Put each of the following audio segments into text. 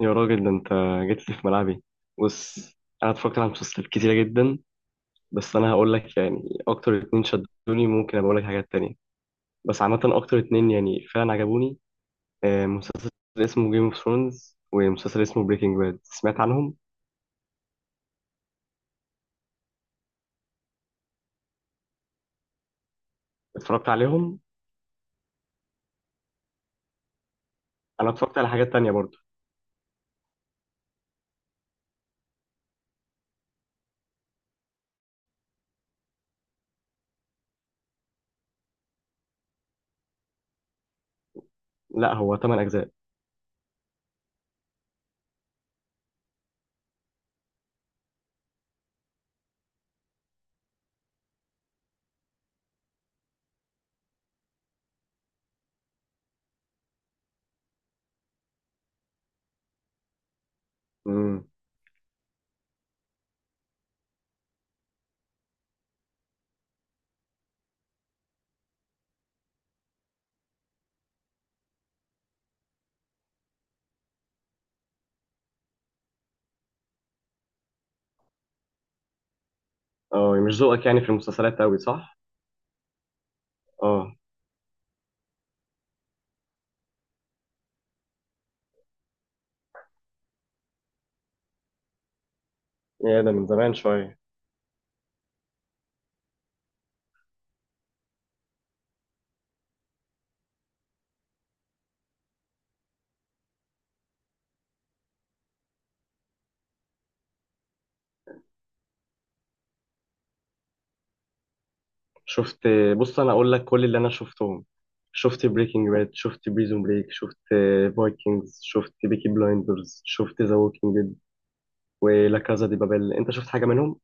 يا راجل، ده انت جيت لي في ملعبي. بص، انا اتفرجت على مسلسلات كتيره جدا. بس انا هقول لك يعني اكتر اتنين شدوني، ممكن ابقى اقول لك حاجات تانية. بس عامه اكتر اتنين يعني فعلا عجبوني. مسلسل اسمه جيم اوف ثرونز ومسلسل اسمه بريكنج باد، سمعت عنهم؟ اتفرجت عليهم. انا اتفرجت على حاجات تانية برضو. لا، هو تمن اجزاء. امم. اه، مش ذوقك يعني في المسلسلات قوي، صح؟ اه، يا ده من زمان شويه. شفت. بص، انا اقول لك كل اللي انا شفتهم. شفت بريكنج باد، شفت بريزون بريك، شفت فايكنجز، شفت بيكي بلايندرز، شفت ذا ووكينج ديد ولا كازا دي بابل، انت شفت حاجه منهم؟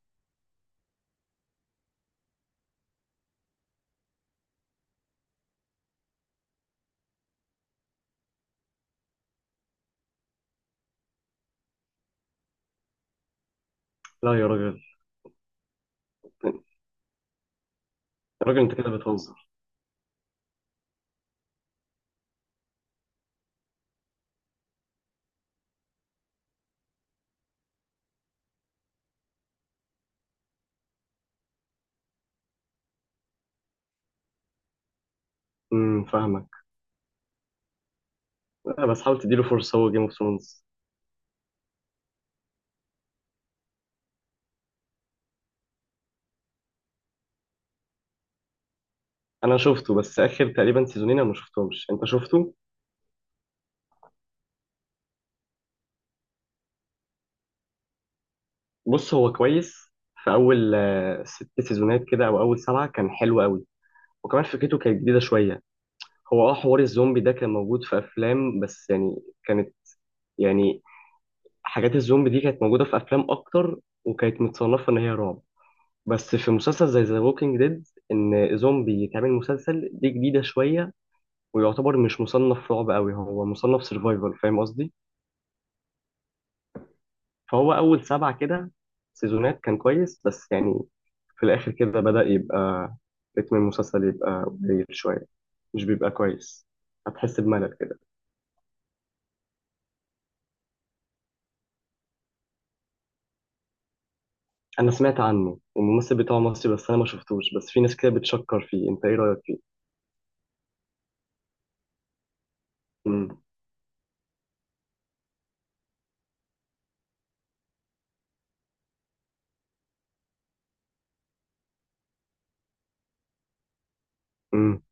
لا يا راجل. يا راجل، انت كده بتهزر. امم، فاهمك. لا، بس حاول تديله فرصه، هو جيم اوف ثرونز. انا شفته بس اخر تقريبا سيزونين انا ما شفتهمش، انت شفته؟ بص، هو كويس. في اول ست سيزونات كده او اول سبعه كان حلو قوي، وكمان فكرته كانت جديده شويه. هو حوار الزومبي ده كان موجود في افلام، بس يعني كانت، يعني حاجات الزومبي دي كانت موجوده في افلام اكتر، وكانت متصنفه ان هي رعب. بس في مسلسل زي ذا ووكينج ديد ان زومبي يتعمل مسلسل دي جديده شويه، ويعتبر مش مصنف رعب قوي، هو مصنف سرفايفل، فاهم قصدي؟ فهو اول سبعه كده سيزونات كان كويس، بس يعني في الاخر كده بدأ يبقى رتم المسلسل يبقى قليل شويه، مش بيبقى كويس، هتحس بملل. انا سمعت عنه والممثل بتاعه مصري، بس انا ما شفتوش، بس في ناس كده بتشكر فيه، انت ايه رايك فيه؟ امم. امم.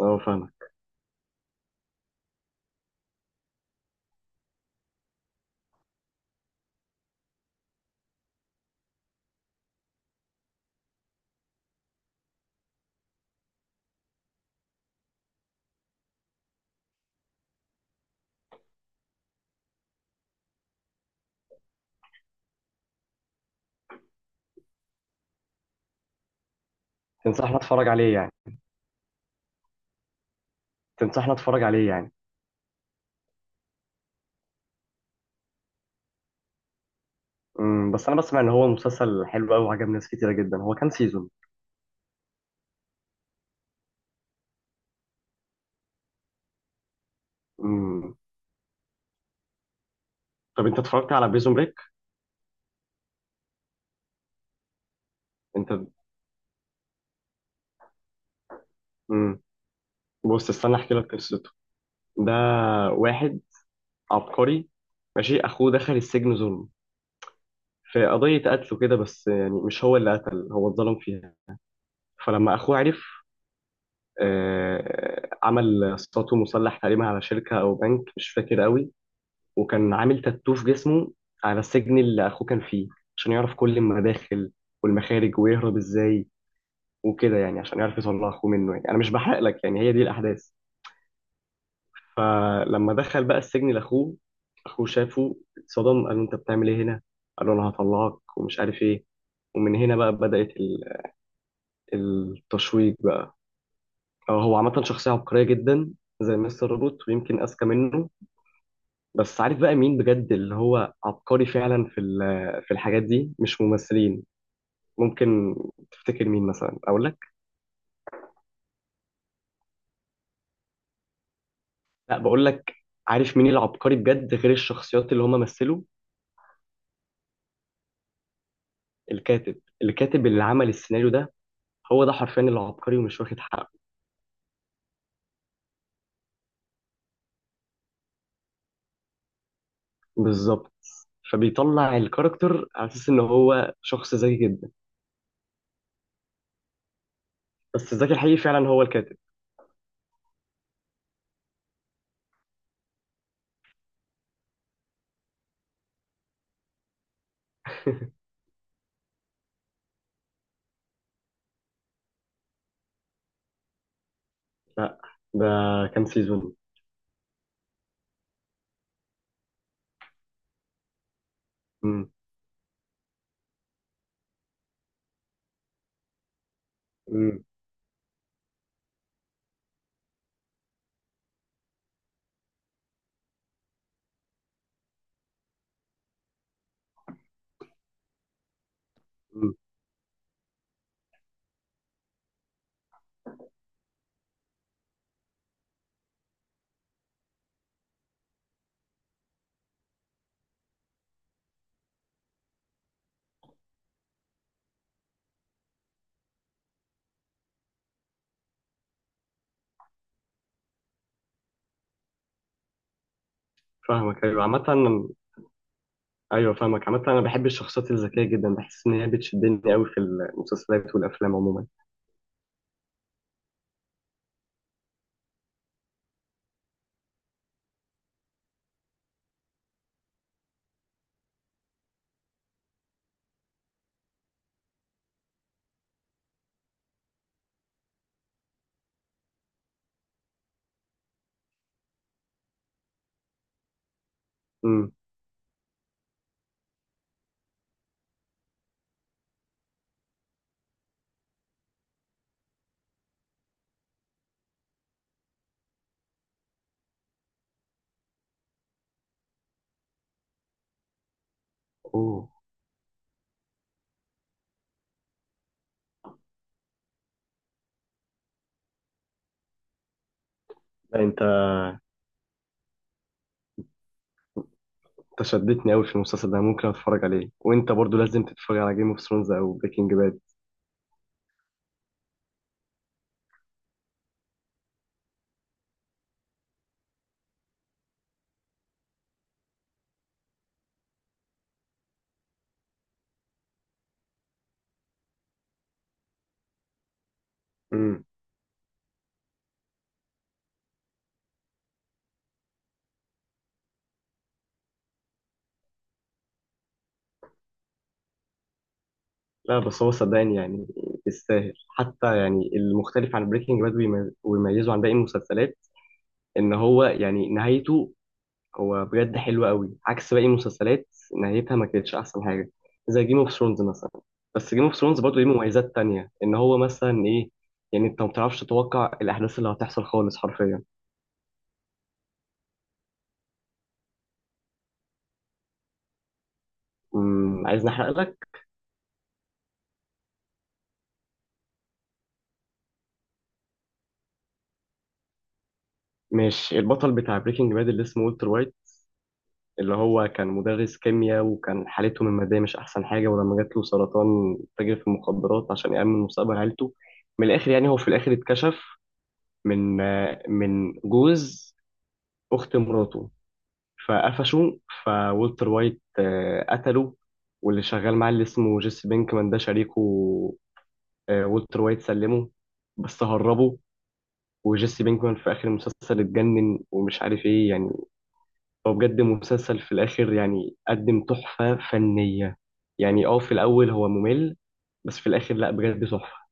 اه، فاهمك. تنصحنا اتفرج عليه يعني تنصحنا اتفرج عليه يعني؟ امم، بس انا بسمع ان هو مسلسل حلو قوي وعجب ناس كتيره جدا. هو كام سيزون؟ امم. طب انت اتفرجت على بريزون بريك؟ انت. امم. بص، استنى احكي لك قصته. ده واحد عبقري، ماشي. اخوه دخل السجن ظلم في قضيه قتل كده، بس يعني مش هو اللي قتل، هو اتظلم فيها. فلما اخوه عرف، عمل سطو مسلح تقريبا على شركة أو بنك، مش فاكر قوي. وكان عامل تاتو في جسمه على السجن اللي أخوه كان فيه، عشان يعرف كل المداخل والمخارج ويهرب إزاي، وكده يعني عشان يعرف يطلع أخوه منه. يعني أنا مش بحرق لك، يعني هي دي الأحداث. فلما دخل بقى السجن لأخوه، أخوه شافه اتصدم، قال له: أنت بتعمل إيه هنا؟ قال له: أنا هطلعك ومش عارف إيه. ومن هنا بقى بدأت التشويق بقى. هو عامة شخصية عبقرية جدا زي مستر روبوت، ويمكن أذكى منه. بس عارف بقى مين بجد اللي هو عبقري فعلا في الحاجات دي؟ مش ممثلين. ممكن تفتكر مين مثلا؟ اقول لك. لا، بقول لك، عارف مين العبقري بجد غير الشخصيات اللي هم مثلوا؟ الكاتب اللي عمل السيناريو ده، هو ده حرفيا العبقري ومش واخد حقه. بالظبط. فبيطلع الكاركتر على اساس ان هو شخص ذكي جدا، بس الذكي الحقيقي فعلا هو الكاتب. لا. ده كام سيزون؟ امم. امم، فاهمك. ايوه، عامة. ايوه، فاهمك عامة. انا بحب الشخصيات الذكية جدا، بحس ان هي بتشدني قوي في المسلسلات والافلام عموما. امم. اوه. لا انت شدتني قوي في المسلسل ده، ممكن اتفرج عليه. وانت برضو لازم تتفرج على جيم اوف ثرونز او بريكنج باد. امم. لا، بس هو صدقني يعني يستاهل. حتى يعني المختلف عن بريكنج باد ويميزه عن باقي المسلسلات ان هو يعني نهايته، هو بجد حلو قوي عكس باقي المسلسلات، نهايتها ما كانتش احسن حاجه، زي جيم اوف ثرونز مثلا. بس جيم اوف ثرونز برضه ليه مميزات تانية، ان هو مثلا ايه، يعني انت ما بتعرفش تتوقع الاحداث اللي هتحصل خالص حرفيا. امم، عايز نحرق لك؟ مش البطل بتاع بريكنج باد اللي اسمه والتر وايت، اللي هو كان مدرس كيمياء وكان حالته من المادية مش أحسن حاجة، ولما جات له سرطان تاجر في المخدرات عشان يأمن مستقبل عيلته. من الآخر يعني هو في الآخر اتكشف من جوز أخت مراته فقفشوا فولتر وايت، قتله. واللي شغال معاه اللي اسمه جيسي بينكمان ده شريكه. والتر وايت سلمه بس هربه. وجيسي بينكمان في آخر المسلسل اتجنن ومش عارف ايه يعني. هو بجد مسلسل في الآخر يعني قدم تحفة فنية. يعني في الأول هو ممل، بس في الآخر لا، بجد تحفة.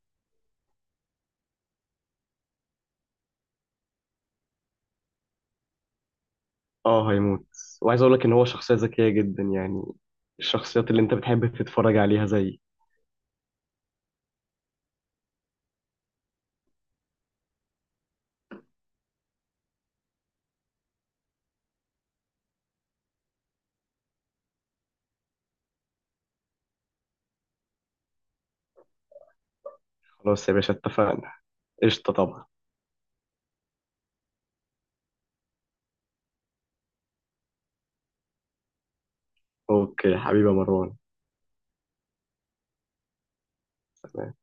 اه، هيموت. وعايز اقول لك ان هو شخصية ذكية جدا، يعني الشخصيات اللي انت بتحب تتفرج عليها زي. خلاص يا باشا، اتفقنا. قشطة طبعا. اوكي حبيبي يا مروان. سلام.